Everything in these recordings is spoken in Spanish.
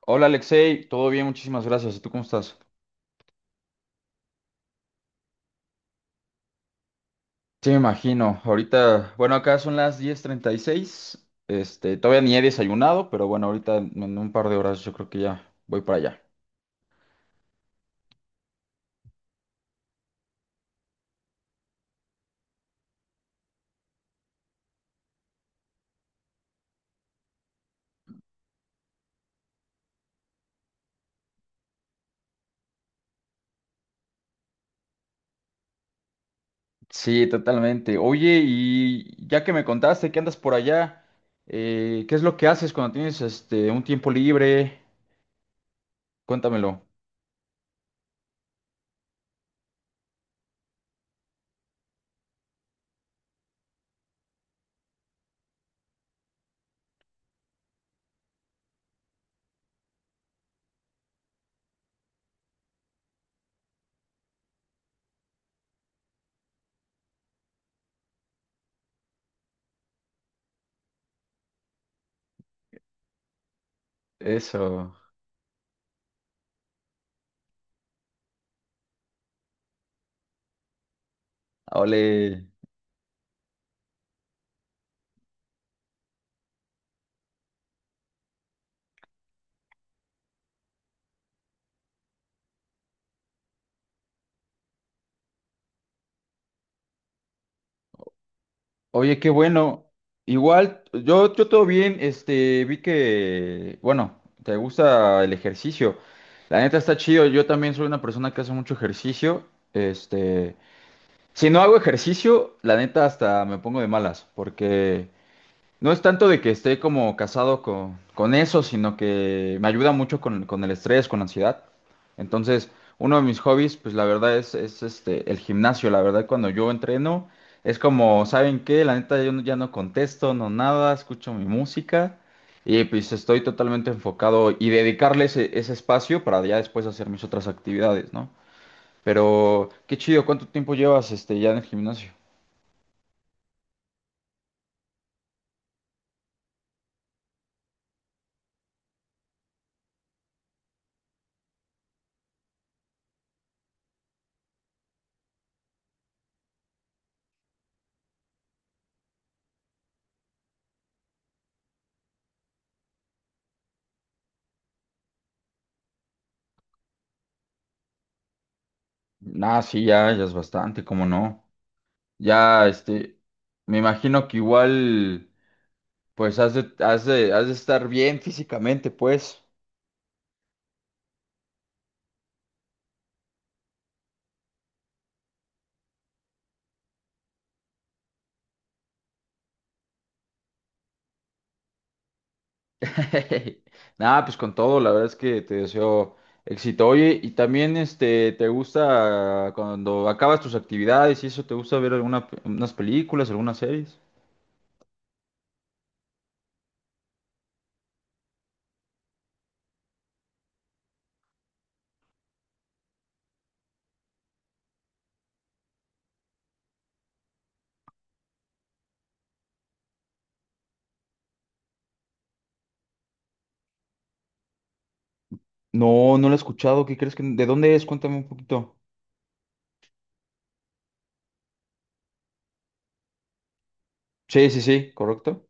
Hola Alexei, todo bien, muchísimas gracias. ¿Y tú cómo estás? Sí, me imagino. Ahorita, bueno, acá son las diez treinta y seis. Todavía ni he desayunado, pero bueno, ahorita en un par de horas yo creo que ya voy para allá. Sí, totalmente. Oye, y ya que me contaste que andas por allá, ¿qué es lo que haces cuando tienes un tiempo libre? Cuéntamelo. Eso. Ole. Oye, qué bueno. Igual, yo todo bien, vi que, bueno, te gusta el ejercicio. La neta está chido, yo también soy una persona que hace mucho ejercicio. Este, si no hago ejercicio, la neta hasta me pongo de malas, porque no es tanto de que esté como casado con eso, sino que me ayuda mucho con el estrés, con la ansiedad. Entonces, uno de mis hobbies, pues la verdad es este, el gimnasio. La verdad, cuando yo entreno, es como, ¿saben qué? La neta, yo no- ya no contesto, no nada, escucho mi música y pues estoy totalmente enfocado y dedicarle ese espacio para ya después hacer mis otras actividades, ¿no? Pero, qué chido, ¿cuánto tiempo llevas este, ya en el gimnasio? Ah, sí, ya, ya es bastante, ¿cómo no? Ya, este, me imagino que igual, pues has de estar bien físicamente, pues. Nada, pues con todo, la verdad es que te deseo éxito. Oye, y también, este, ¿te gusta cuando acabas tus actividades y eso, te gusta ver unas películas, algunas series? No, no lo he escuchado, ¿qué crees que, de dónde es? Cuéntame un poquito. Sí, sí, sí, correcto.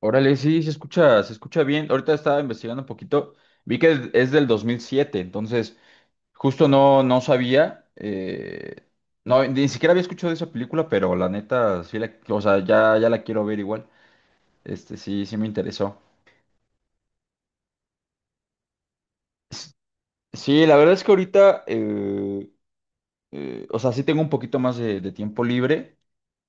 Órale, sí, se escucha bien. Ahorita estaba investigando un poquito, vi que es del 2007 entonces... Justo no, no sabía, no, ni siquiera había escuchado de esa película, pero la neta, o sea, ya, ya la quiero ver igual. Este, sí, sí me interesó. S- Sí, la verdad es que ahorita, o sea, sí tengo un poquito más de tiempo libre.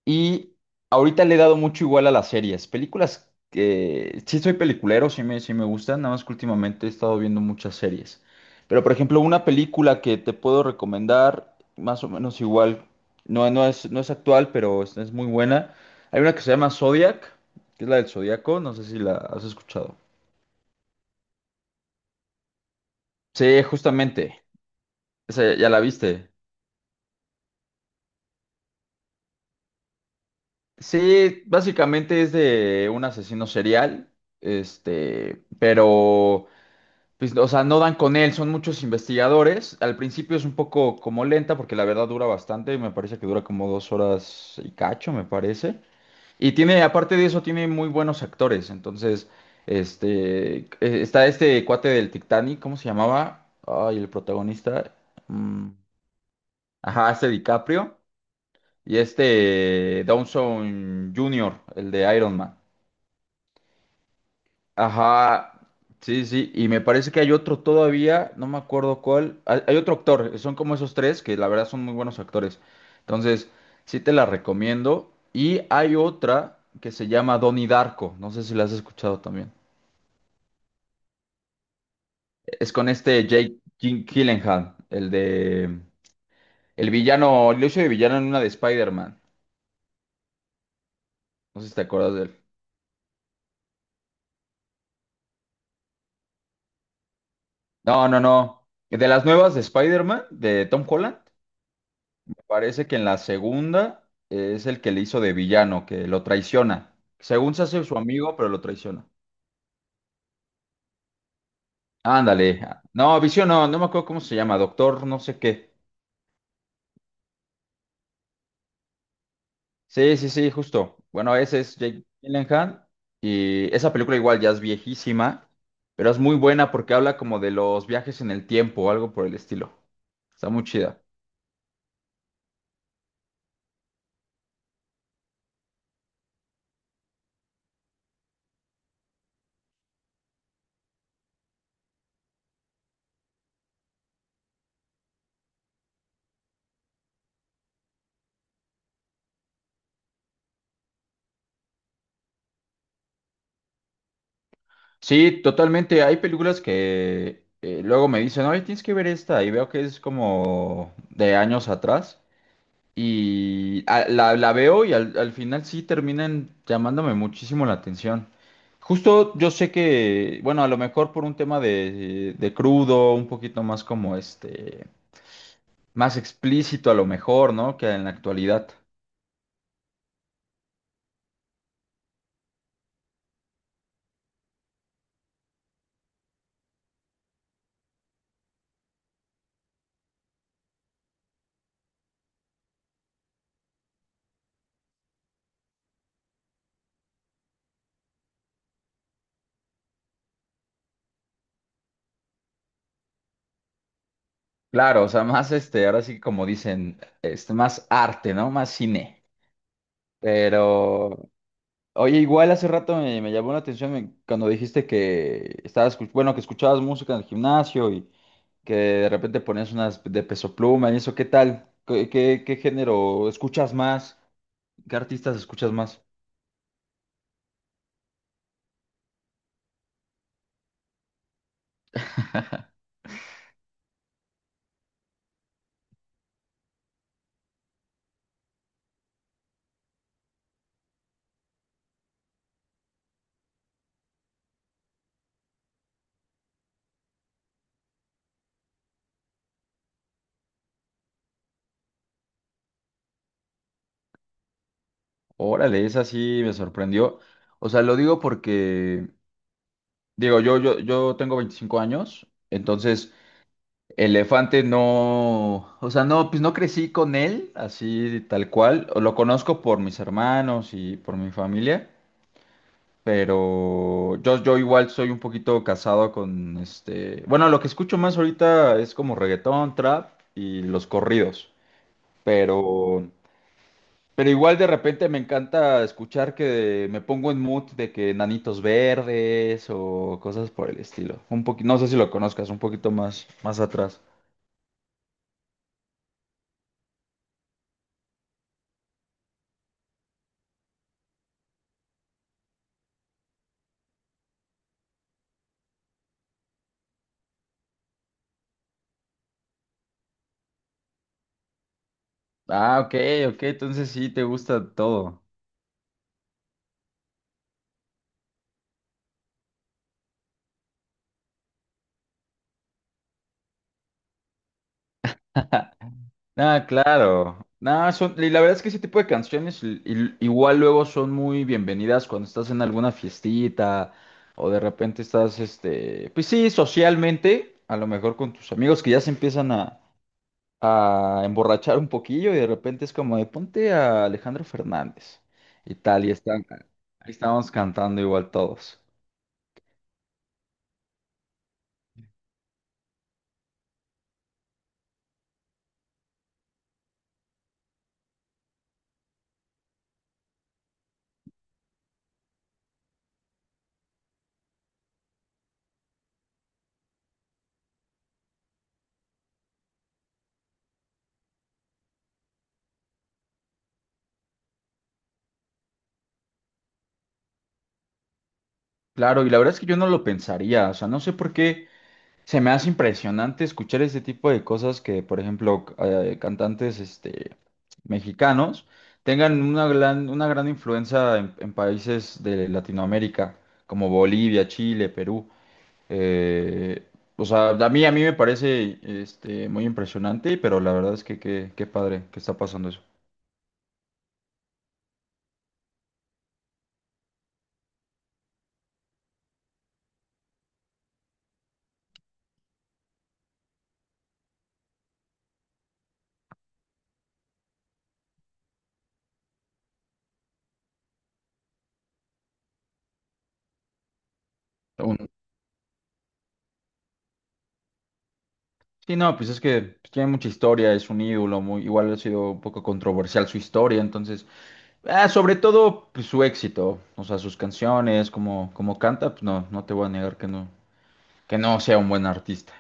Y ahorita le he dado mucho igual a las series. Películas que sí soy peliculero, sí me gustan, nada más que últimamente he estado viendo muchas series. Pero por ejemplo, una película que te puedo recomendar, más o menos igual, no es actual, pero es muy buena. Hay una que se llama Zodiac, que es la del Zodiaco, no sé si la has escuchado. Sí, justamente, esa ya la viste. Sí, básicamente es de un asesino serial, este, pero... Pues, o sea, no dan con él, son muchos investigadores. Al principio es un poco como lenta porque la verdad dura bastante, me parece que dura como dos horas y cacho, me parece. Y tiene, aparte de eso, tiene muy buenos actores. Entonces, está este cuate del Titanic, ¿cómo se llamaba? Ay, el protagonista. mm, ajá, este DiCaprio y este Downson Jr., el de Iron Man. Ajá, sí, sí, y me parece que hay otro todavía, no me acuerdo cuál, hay otro actor, son como esos tres que la verdad son muy buenos actores, entonces sí te la recomiendo, y hay otra que se llama Donnie Darko, no sé si la has escuchado también, es con este Gyllenhaal, el de, el villano, lo hizo de villano en una de Spider-Man, no sé si te acuerdas de él, no, de las nuevas de Spider-Man, de Tom Holland. Parece que en la segunda es el que le hizo de villano, que lo traiciona. Según se hace su amigo, pero lo traiciona. Ándale. No, Visión no, no me acuerdo cómo se llama, doctor no sé qué. Sí, sí, sí, justo. Bueno, ese es Jake Gyllenhaal y esa película igual ya es viejísima, pero es muy buena porque habla como de los viajes en el tiempo o algo por el estilo. Está muy chida. Sí, totalmente. Hay películas que luego me dicen, oye, tienes que ver esta y veo que es como de años atrás. La, la veo y al final sí terminan llamándome muchísimo la atención. Justo yo sé que, bueno, a lo mejor por un tema de crudo, un poquito más como este, más explícito a lo mejor, ¿no? Que en la actualidad. Claro, o sea, más este, ahora sí como dicen, este, más arte, ¿no? Más cine. Pero oye, igual hace rato me llamó la atención cuando dijiste que estabas, bueno, que escuchabas música en el gimnasio y que de repente ponías unas de Peso Pluma y eso, ¿qué tal? Qué género escuchas más? ¿Qué artistas escuchas más? Órale, esa sí me sorprendió. O sea, lo digo porque, digo, yo tengo 25 años, entonces Elefante no, o sea, no, pues no crecí con él así tal cual, lo conozco por mis hermanos y por mi familia. Pero yo igual soy un poquito casado con este. Bueno, lo que escucho más ahorita es como reggaetón, trap y los corridos. Pero, pero igual de repente me encanta escuchar que me pongo en mood de que Nanitos Verdes o cosas por el estilo. Un poquito, no sé si lo conozcas, un poquito más, más atrás. Ah, ok, ok, entonces sí te gusta todo. Ah, claro. Nah, son, y la verdad es que ese tipo de canciones igual luego son muy bienvenidas cuando estás en alguna fiestita o de repente estás, este, pues sí, socialmente, a lo mejor con tus amigos que ya se empiezan a emborrachar un poquillo y de repente es como de ponte a Alejandro Fernández y tal, y están, ahí estábamos cantando igual todos. Claro, y la verdad es que yo no lo pensaría, o sea, no sé por qué. Se me hace impresionante escuchar ese tipo de cosas que, por ejemplo, cantantes este, mexicanos tengan una gran influencia en países de Latinoamérica, como Bolivia, Chile, Perú. Eh, o sea, a mí me parece este, muy impresionante, pero la verdad es que qué padre que está pasando eso. Sí, no, pues es que pues, tiene mucha historia, es un ídolo, muy, igual ha sido un poco controversial su historia, entonces, ah, sobre todo pues, su éxito, o sea, sus canciones, como, como canta, pues no te voy a negar que no sea un buen artista.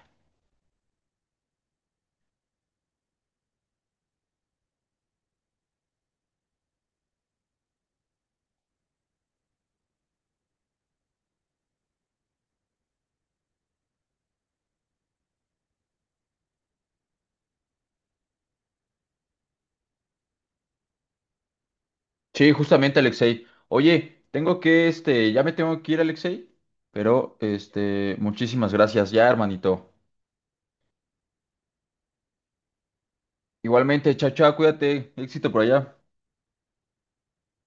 Sí, justamente Alexei. Oye, tengo que, este, ya me tengo que ir, Alexei, pero, este, muchísimas gracias ya, hermanito. Igualmente, chao, chao, cuídate, éxito por allá.